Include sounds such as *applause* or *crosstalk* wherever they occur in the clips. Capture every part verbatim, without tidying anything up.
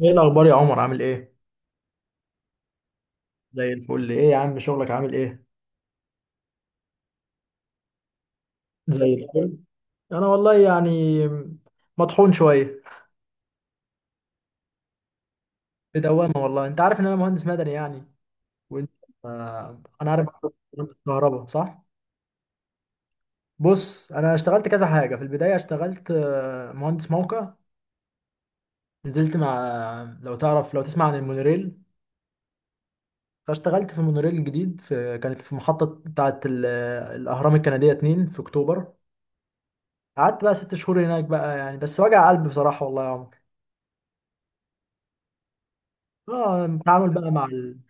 ايه الاخبار يا عمر؟ عامل ايه؟ زي الفل. ايه يا عم، شغلك عامل ايه؟ زي الفل. انا والله يعني مطحون شويه. في دوامه، والله انت عارف ان انا مهندس مدني يعني. وانت؟ آه، انا عارف. الكهرباء، صح؟ بص، انا اشتغلت كذا حاجه. في البدايه اشتغلت آه، مهندس موقع. نزلت مع، لو تعرف، لو تسمع عن المونوريل. فاشتغلت في المونوريل الجديد، في كانت في محطه بتاعه ال- الاهرام الكنديه اتنين في اكتوبر. قعدت بقى ست شهور هناك بقى، يعني بس وجع قلب بصراحه والله يا عمر. اه، التعامل بقى مع ال-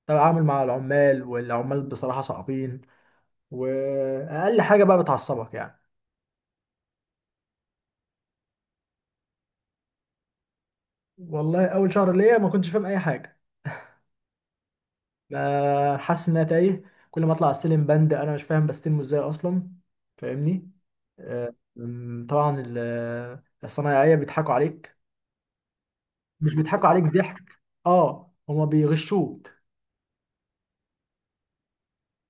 التعامل مع العمال، والعمال بصراحة صعبين. وأقل حاجة بقى بتعصبك يعني. والله أول شهر ليا ما كنتش فاهم أي حاجة. ما حاسس إن أنا تايه. كل ما أطلع أستلم بند أنا مش فاهم بستلمه إزاي أصلا. فاهمني؟ آه، أم، طبعا ال- الصنايعية بيضحكوا عليك. مش بيضحكوا عليك ضحك، اه هما بيغشوك.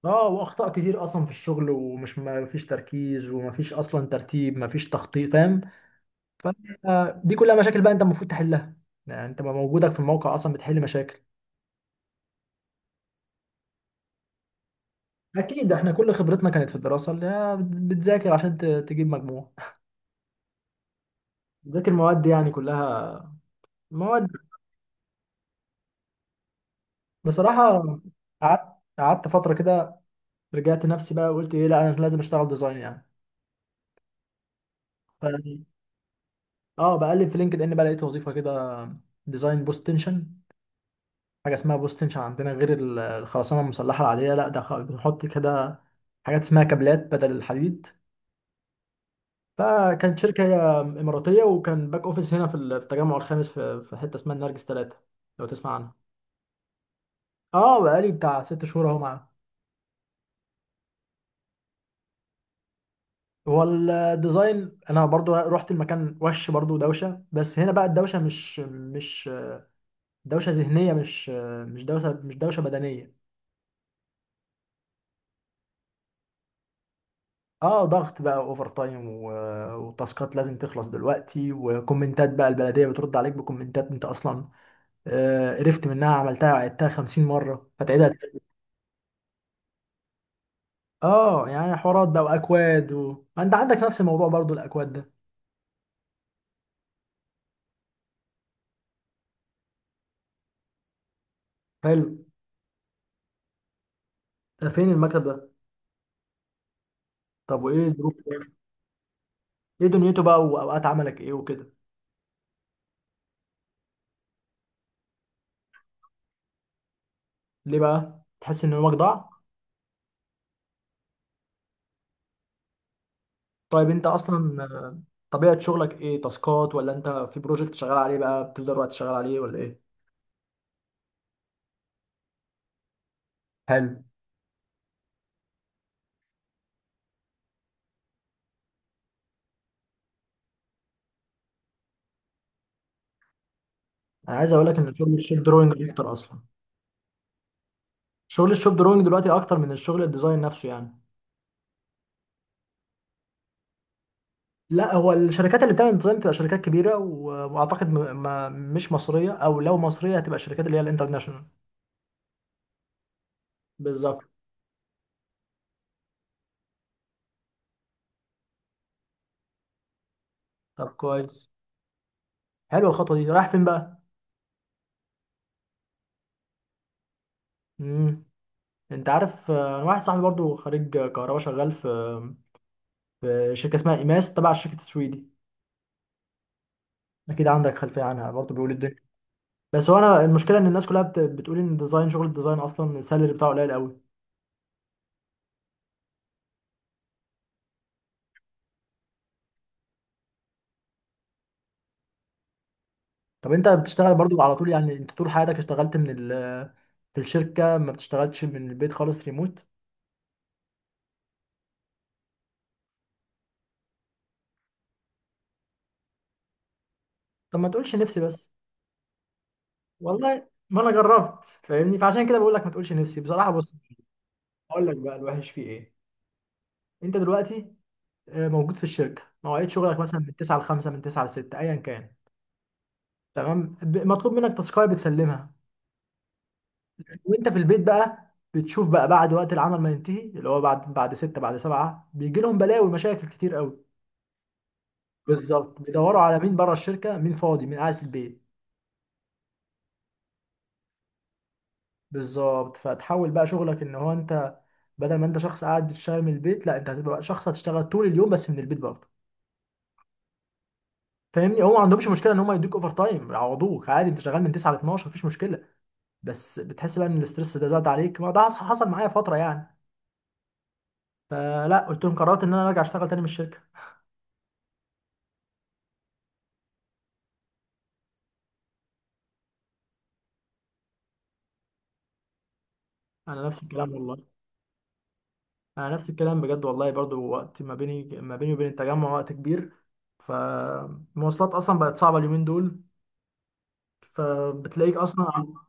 اه، واخطاء كتير اصلا في الشغل، ومش ما فيش تركيز وما فيش اصلا ترتيب ما فيش تخطيط، فاهم؟ فانت، دي كلها مشاكل بقى انت المفروض تحلها. يعني انت بقى موجودك في الموقع اصلا بتحل مشاكل. اكيد، احنا كل خبرتنا كانت في الدراسه اللي هي بت- بتذاكر عشان ت- تجيب مجموع. بتذاكر مواد يعني، كلها مواد. بصراحه، قعدت قعدت فتره كده. رجعت نفسي بقى وقلت ايه، لا انا لازم اشتغل ديزاين يعني. ف اه، بقلب في لينكد ان بقى، لقيت وظيفه كده. ديزاين بوست تنشن. حاجه اسمها بوست تنشن عندنا، غير ال- الخرسانه المسلحه العاديه، لا ده خ- بنحط كده حاجات اسمها كابلات بدل الحديد. لا، كانت شركة إماراتية وكان باك أوفيس هنا في ال- في التجمع الخامس في في حتة اسمها النرجس ثلاثة. لو تسمع عنها. اه، بقالي بتاع ست شهور اهو معاه. هو الديزاين انا برضو رحت المكان وش برضو دوشة، بس هنا بقى الدوشة مش مش دوشة ذهنية، مش، مش دوشة، مش دوشة بدنية. اه، ضغط بقى، اوفر تايم و- وتاسكات لازم تخلص دلوقتي، وكومنتات بقى البلدية بترد عليك بكومنتات انت اصلا آه، قرفت منها، عملتها وعدتها خمسين مرة فتعيدها. اه يعني حوارات بقى واكواد و... انت عندك نفس الموضوع برضو الاكواد ده. حلو. ده فين المكتب ده؟ طب وايه دروب؟ ايه دنيته بقى واوقات عملك ايه وكده؟ ليه بقى؟ تحس ان يومك ضاع؟ طيب، انت اصلا آه، طبيعة شغلك ايه، تاسكات ولا انت في بروجكت شغال عليه بقى بتفضل وقت شغال عليه ولا ايه؟ حلو. انا عايز اقول لك ان شغل الشوب دروينج اكتر اصلا. شغل الشوب دروينج دلوقتي اكتر من الشغل الديزاين نفسه يعني. لا، هو الشركات اللي بتعمل ديزاين بتبقى شركات كبيره و- واعتقد م... ما مش مصريه، او لو مصريه هتبقى الشركات اللي هي الانترناشونال. بالظبط. طب كويس. حلوه الخطوه دي، رايح فين بقى؟ امم. انت عارف، آه، انا واحد صاحبي برضو خريج كهرباء شغال في في شركه اسمها ايماس تبع الشركه السويدي. اكيد عندك خلفيه عنها برضو، بيقول الدنيا. بس هو انا المشكله ان الناس كلها بت- بتقول ان الديزاين، شغل الديزاين اصلا السالري بتاعه قليل قوي. طب انت بتشتغل برضو على طول؟ يعني انت طول حياتك اشتغلت من ال، في الشركه؟ ما بتشتغلش من البيت خالص ريموت؟ طب ما تقولش نفسي بس. والله ما انا جربت، فاهمني، فعشان كده بقول لك ما تقولش نفسي بصراحه. بص، اقول لك بقى الوحش فيه ايه. انت دلوقتي آه، موجود في الشركه، مواعيد شغلك مثلا من تسعة ل خمسة، من تسعة ل ستة ايا كان. تمام، ب- مطلوب منك تاسكايه بتسلمها. وانت في البيت بقى بتشوف بقى بعد وقت العمل ما ينتهي، اللي هو بعد بعد ستة بعد سبعة، بيجي لهم بلاوي ومشاكل كتير قوي. بالظبط، بيدوروا على مين بره الشركه، مين فاضي، مين قاعد في البيت. بالظبط، فتحول بقى شغلك ان هو انت، بدل ما انت شخص قاعد بتشتغل من البيت، لا انت هتبقى شخص هتشتغل طول اليوم بس من البيت برضه. فاهمني؟ هو ما عندهمش مشكله ان هم يدوك اوفر تايم يعوضوك عادي، انت شغال من تسعة ل اتناشر مفيش مشكله. بس بتحس بقى ان الاسترس ده زاد عليك، ما ده حص- حصل معايا فتره يعني. فلا، قلت لهم قررت ان انا ارجع اشتغل تاني من الشركه. انا نفس الكلام والله. انا نفس الكلام بجد والله، برضو وقت ما بيني ما بيني وبين التجمع وقت كبير. فالمواصلات اصلا بقت صعبه اليومين دول. فبتلاقيك اصلا ع-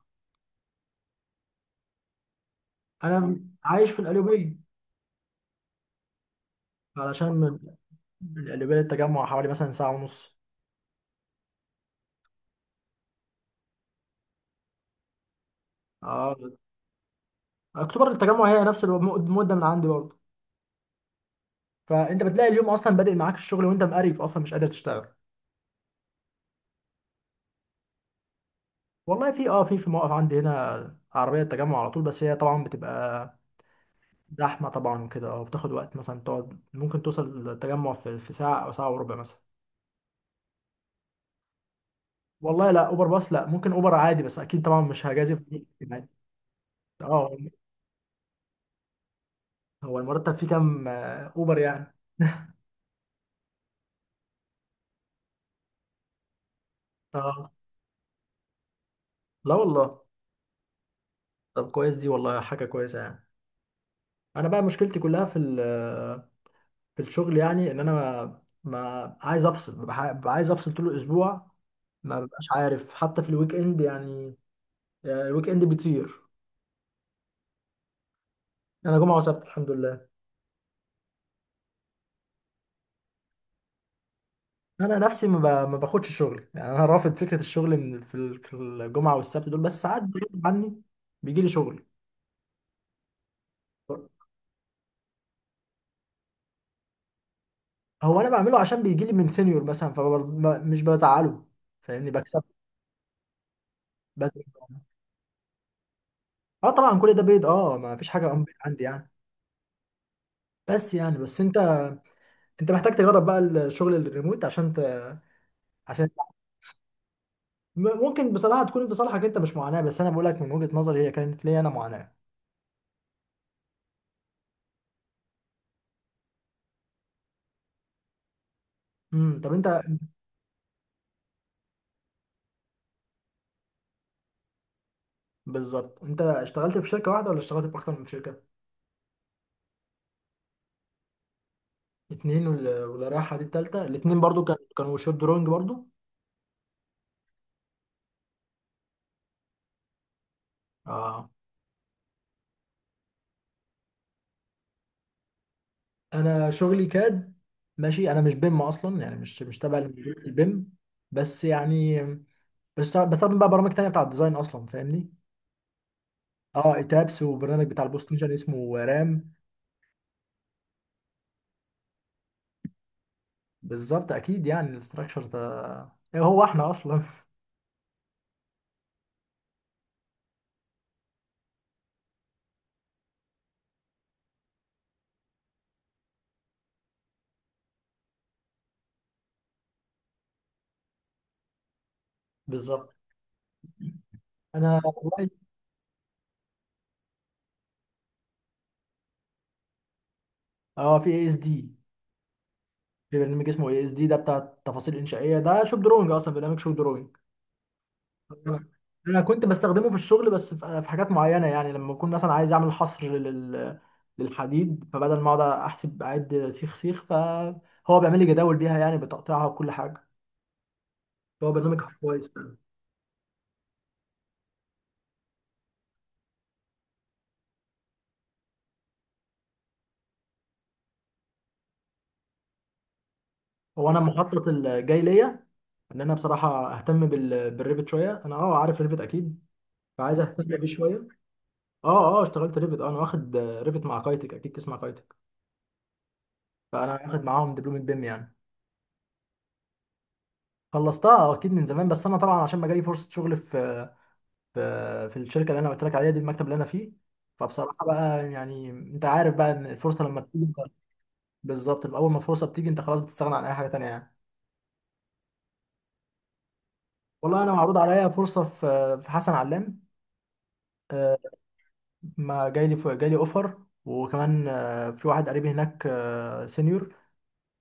انا عايش في القليوبيه. علشان من، من القليوبيه للتجمع حوالي مثلا ساعه ونص. اه، اكتوبر التجمع هي نفس الم- المده من عندي برضو. فانت بتلاقي اليوم اصلا بادئ معاك الشغل وانت مقريف اصلا مش قادر تشتغل. والله في، اه في في موقف عندي هنا عربية التجمع على طول، بس هي طبعا بتبقى زحمة طبعا وكده، اه بتاخد وقت، مثلا تقعد ممكن توصل التجمع في, في ساعة أو ساعة وربع مثلا. والله لا أوبر باص، لا، ممكن أوبر عادي بس أكيد طبعا مش هجازف بيه يعني. اه. هو المرتب فيه كام آه، أوبر يعني؟ اه لا والله. طب كويس دي والله، حاجة كويسة يعني. أنا بقى مشكلتي كلها في ال- في الشغل يعني، إن أنا ما ما عايز أفصل، ببقى عايز أفصل طول الأسبوع. ما ببقاش عارف حتى في الويك إند يعني. يعني الويك اند بيطير. انا جمعه وسبت، الحمد لله. انا نفسي ما, ب... ما باخدش شغل يعني، انا رافض فكره الشغل من في ال- في الجمعه والسبت دول، بس ساعات بغصب عني بيجي لي شغل. هو انا بعمله عشان بيجي لي من سينيور مثلا فمش بزعله. فاهمني؟ بكسب بدري. اه طبعا كل ده بيض، اه ما فيش حاجه unpaid عندي يعني. بس يعني، بس انت، انت محتاج تجرب بقى الشغل الريموت عشان ت... عشان، م- ممكن بصراحه تكون في صالحك انت، مش معاناه، بس انا بقول لك من وجهه نظري هي كانت ليا انا معاناه. امم. طب انت، بالظبط، انت اشتغلت في شركه واحده ولا اشتغلت في اكتر من شركه؟ اتنين، ولا ولا رايحه دي التالته. الاتنين برضو كانوا كانوا شوب دروينج برضو. اه. انا شغلي كاد. ماشي، انا مش بيم اصلا يعني، مش مش تبع البيم. بس يعني، بس بستخدم بقى برامج تانية بتاع الديزاين اصلا، فاهمني؟ اه ايتابس، وبرنامج بتاع البوست نيشن اسمه رام. بالظبط، اكيد يعني الاستراكشر ده، هو احنا اصلا، *laughs* بالظبط. انا والله، اه في اي اس دي. في برنامج اسمه اي اس دي، ده بتاع التفاصيل الانشائيه، ده شوب دروينج، اصلا برنامج شوب دروينج. انا كنت بستخدمه في الشغل، بس في في حاجات معينه يعني لما اكون مثلا عايز اعمل حصر لل، للحديد، فبدل ما اقعد احسب اعد سيخ سيخ، فهو بيعمل لي جداول بيها يعني بتقطيعها وكل حاجه. هو برنامج كويس فعلا. هو انا مخطط الجاي ليا ان انا بصراحه اهتم بال... بالريفت شويه، انا اه عارف ريفت اكيد، فعايز اهتم بيه شويه. اه اه اشتغلت ريفت، انا واخد ريفت مع كايتك، اكيد تسمع كايتك. فانا واخد معاهم دبلومه بيم يعني. خلصتها، آه، اكيد من زمان، بس انا طبعا عشان ما جالي فرصه شغل في، في في الشركه اللي انا قلت لك عليها دي، المكتب اللي انا فيه. فبصراحه بقى يعني، انت عارف بقى ان الفرصه لما بتيجي انت- بالظبط، اول ما الفرصه بتيجي انت خلاص بتستغنى عن اي حاجه تانية يعني. والله انا معروض عليا فرصه في في حسن علام. آه، ما جاي لي جاي لي اوفر. وكمان آه، في واحد قريبي هناك، سينيور.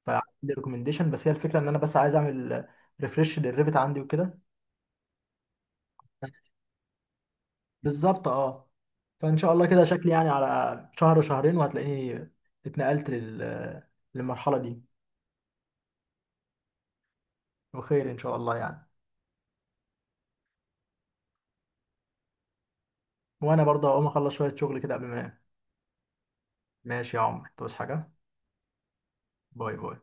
فعندي ريكومنديشن، بس هي الفكره ان انا بس عايز اعمل ريفرش للريفت عندي وكده. بالظبط، اه. فان شاء الله كده شكلي يعني على شهر شهرين وهتلاقيني اتنقلت لل... للمرحله دي. بخير ان شاء الله يعني. وانا برضه هقوم اخلص شويه شغل كده قبل ما انام. ماشي يا عمر، توس حاجه. باي باي.